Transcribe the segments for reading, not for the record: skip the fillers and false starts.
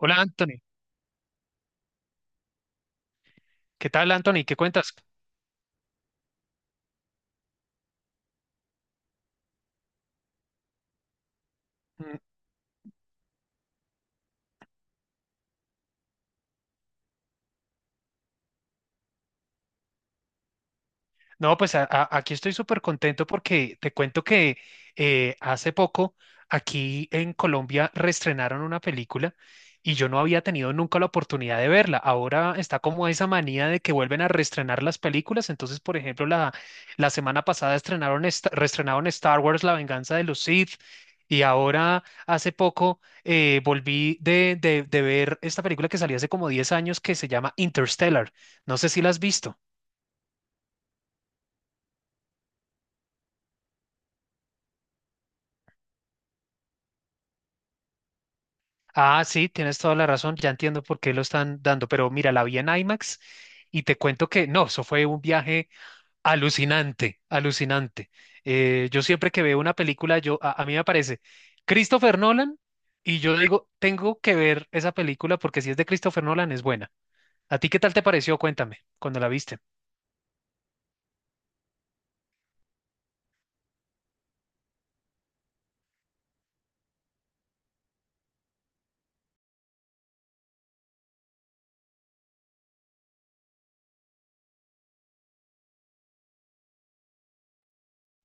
Hola Anthony, ¿qué tal Anthony? ¿Qué cuentas? No, pues aquí estoy súper contento porque te cuento que hace poco aquí en Colombia reestrenaron una película y yo no había tenido nunca la oportunidad de verla. Ahora está como esa manía de que vuelven a reestrenar las películas. Entonces, por ejemplo, la semana pasada reestrenaron Star Wars, La venganza de los Sith. Y ahora, hace poco, volví de ver esta película que salió hace como 10 años que se llama Interstellar. No sé si la has visto. Ah, sí, tienes toda la razón, ya entiendo por qué lo están dando, pero mira, la vi en IMAX y te cuento que no, eso fue un viaje alucinante, alucinante. Yo siempre que veo una película, yo a mí me aparece Christopher Nolan y yo digo, tengo que ver esa película porque si es de Christopher Nolan es buena. ¿A ti qué tal te pareció? Cuéntame, cuando la viste.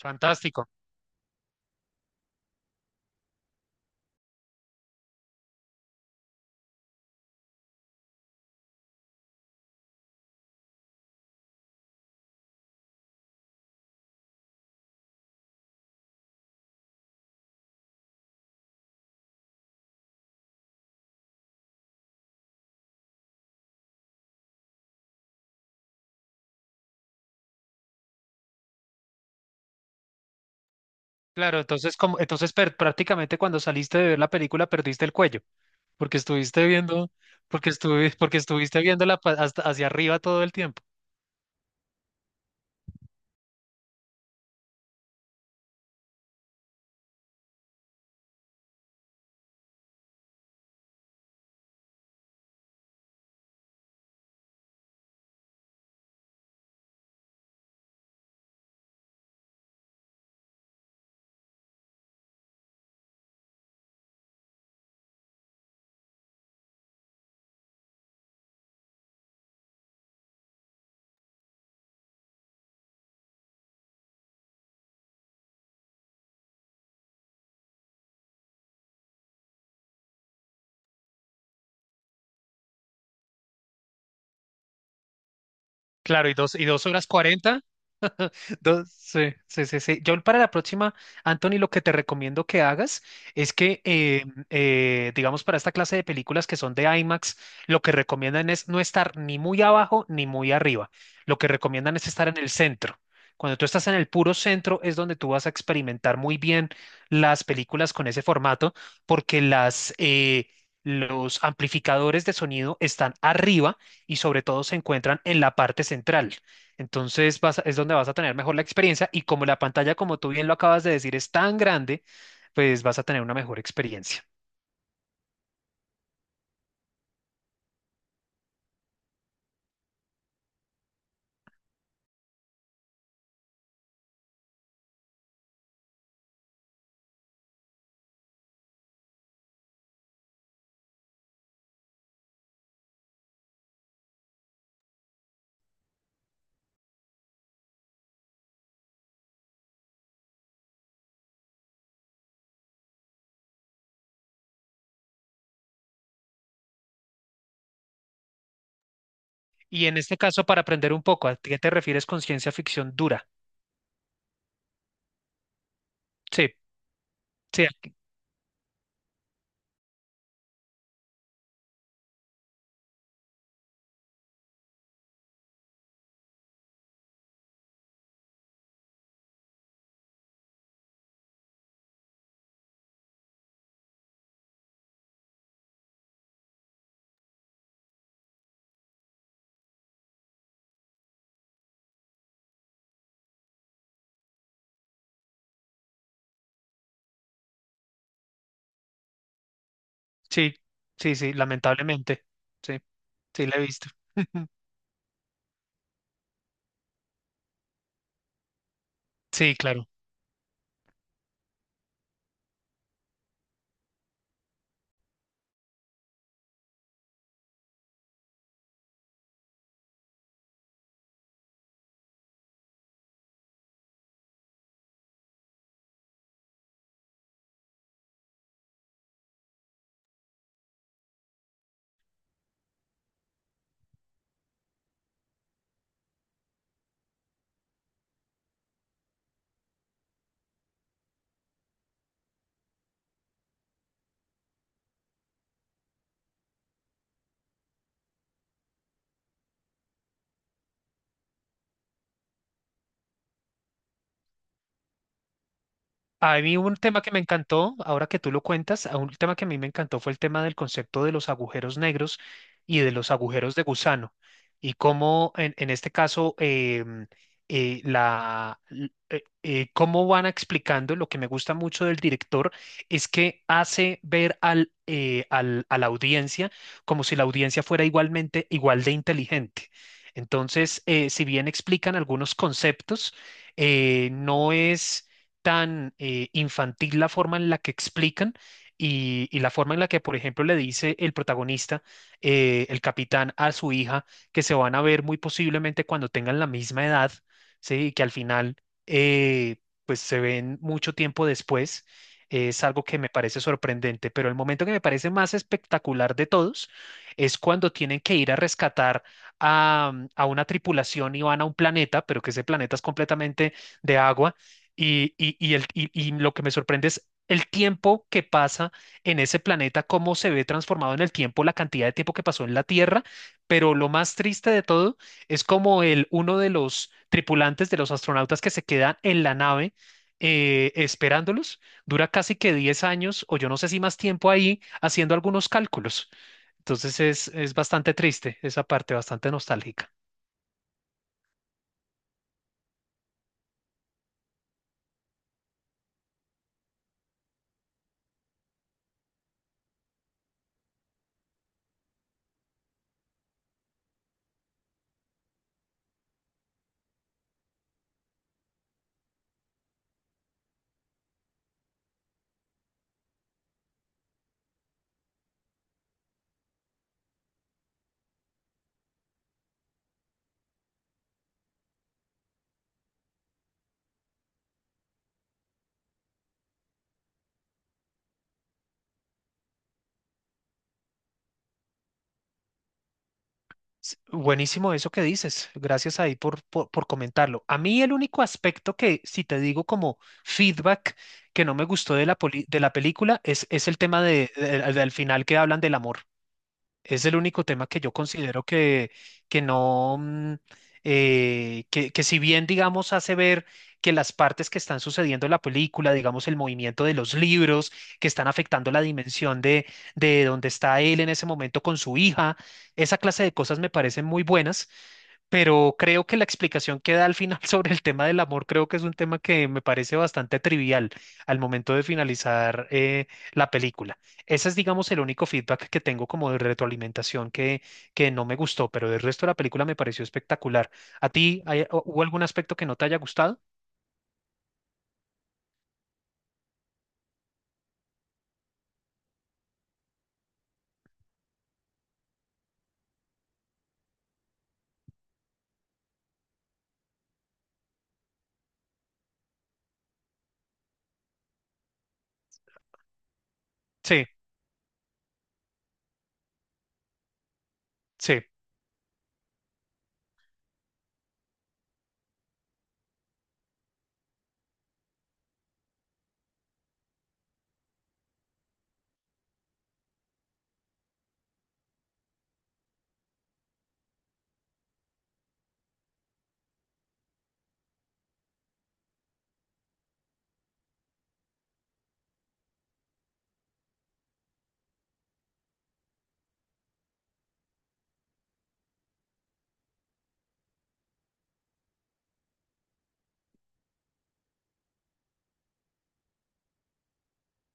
Fantástico. Claro, prácticamente cuando saliste de ver la película perdiste el cuello. Porque estuviste viendo, porque estuviste hasta hacia arriba todo el tiempo. Claro, y 2 horas 40. No, sí, sí, sí, sí. Yo para la próxima, Anthony, lo que te recomiendo que hagas es que, digamos, para esta clase de películas que son de IMAX, lo que recomiendan es no estar ni muy abajo ni muy arriba. Lo que recomiendan es estar en el centro. Cuando tú estás en el puro centro es donde tú vas a experimentar muy bien las películas con ese formato, porque los amplificadores de sonido están arriba y sobre todo se encuentran en la parte central. Entonces es donde vas a tener mejor la experiencia y como la pantalla, como tú bien lo acabas de decir, es tan grande, pues vas a tener una mejor experiencia. Y en este caso, para aprender un poco, ¿a qué te refieres con ciencia ficción dura? Sí, sí, sí, sí, sí, lamentablemente. Sí, sí, la he visto. Sí, claro. A mí un tema que me encantó, ahora que tú lo cuentas, a un tema que a mí me encantó fue el tema del concepto de los agujeros negros y de los agujeros de gusano. Y cómo en este caso, la, cómo van explicando, lo que me gusta mucho del director es que hace ver a la audiencia como si la audiencia fuera igualmente igual de inteligente. Entonces, si bien explican algunos conceptos, no es tan infantil la forma en la que explican y la forma en la que, por ejemplo, le dice el protagonista, el capitán, a su hija, que se van a ver muy posiblemente cuando tengan la misma edad, ¿sí? Y que al final, eh, pues se ven mucho tiempo después. Es algo que me parece sorprendente, pero el momento que me parece más espectacular de todos es cuando tienen que ir a rescatar a una tripulación y van a un planeta, pero que ese planeta es completamente de agua y lo que me sorprende es el tiempo que pasa en ese planeta, cómo se ve transformado en el tiempo, la cantidad de tiempo que pasó en la Tierra, pero lo más triste de todo es como el, uno de los tripulantes de los astronautas que se quedan en la nave esperándolos, dura casi que 10 años o yo no sé si más tiempo ahí haciendo algunos cálculos. Entonces es bastante triste esa parte, bastante nostálgica. Buenísimo eso que dices. Gracias ahí por comentarlo. A mí el único aspecto que, si te digo como feedback que no me gustó de de la película, es el tema de, del final que hablan del amor. Es el único tema que yo considero que no, que si bien, digamos, hace ver que las partes que están sucediendo en la película, digamos, el movimiento de los libros, que están afectando la dimensión de donde está él en ese momento con su hija, esa clase de cosas me parecen muy buenas, pero creo que la explicación que da al final sobre el tema del amor, creo que es un tema que me parece bastante trivial al momento de finalizar la película. Ese es, digamos, el único feedback que tengo como de retroalimentación que no me gustó, pero del resto de la película me pareció espectacular. ¿A ti hubo algún aspecto que no te haya gustado? Sí, sí,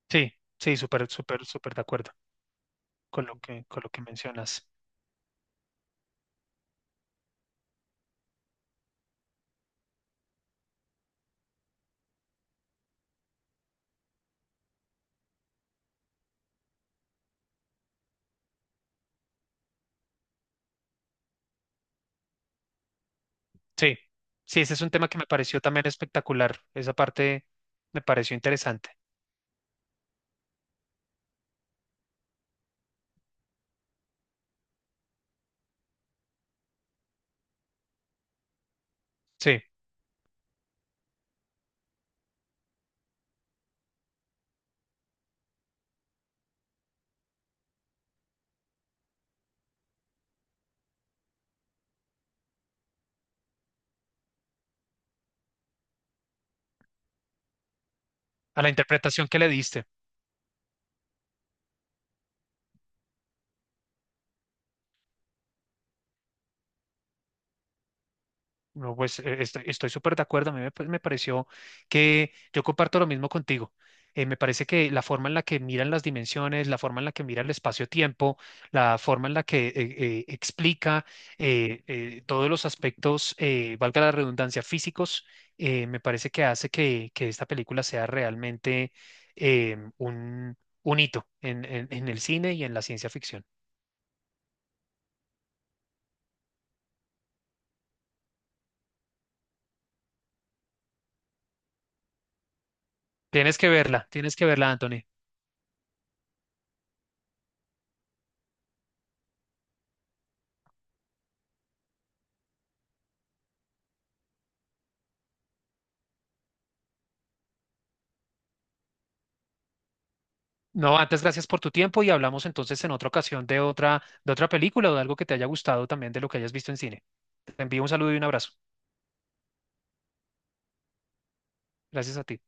sí, sí, súper, súper, súper de acuerdo con lo que mencionas. Sí, sí, ese es un tema que me pareció también espectacular. Esa parte me pareció interesante. Sí, a la interpretación que le diste. No, pues estoy, estoy súper de acuerdo. A mí me, pues, me pareció que yo comparto lo mismo contigo. Me parece que la forma en la que miran las dimensiones, la forma en la que mira el espacio-tiempo, la forma en la que explica todos los aspectos, valga la redundancia, físicos, me parece que hace que esta película sea realmente eh, un, un hito en, en el cine y en la ciencia ficción. Tienes que verla, Anthony. No, antes gracias por tu tiempo y hablamos entonces en otra ocasión de otra película o de algo que te haya gustado también de lo que hayas visto en cine. Te envío un saludo y un abrazo. Gracias a ti.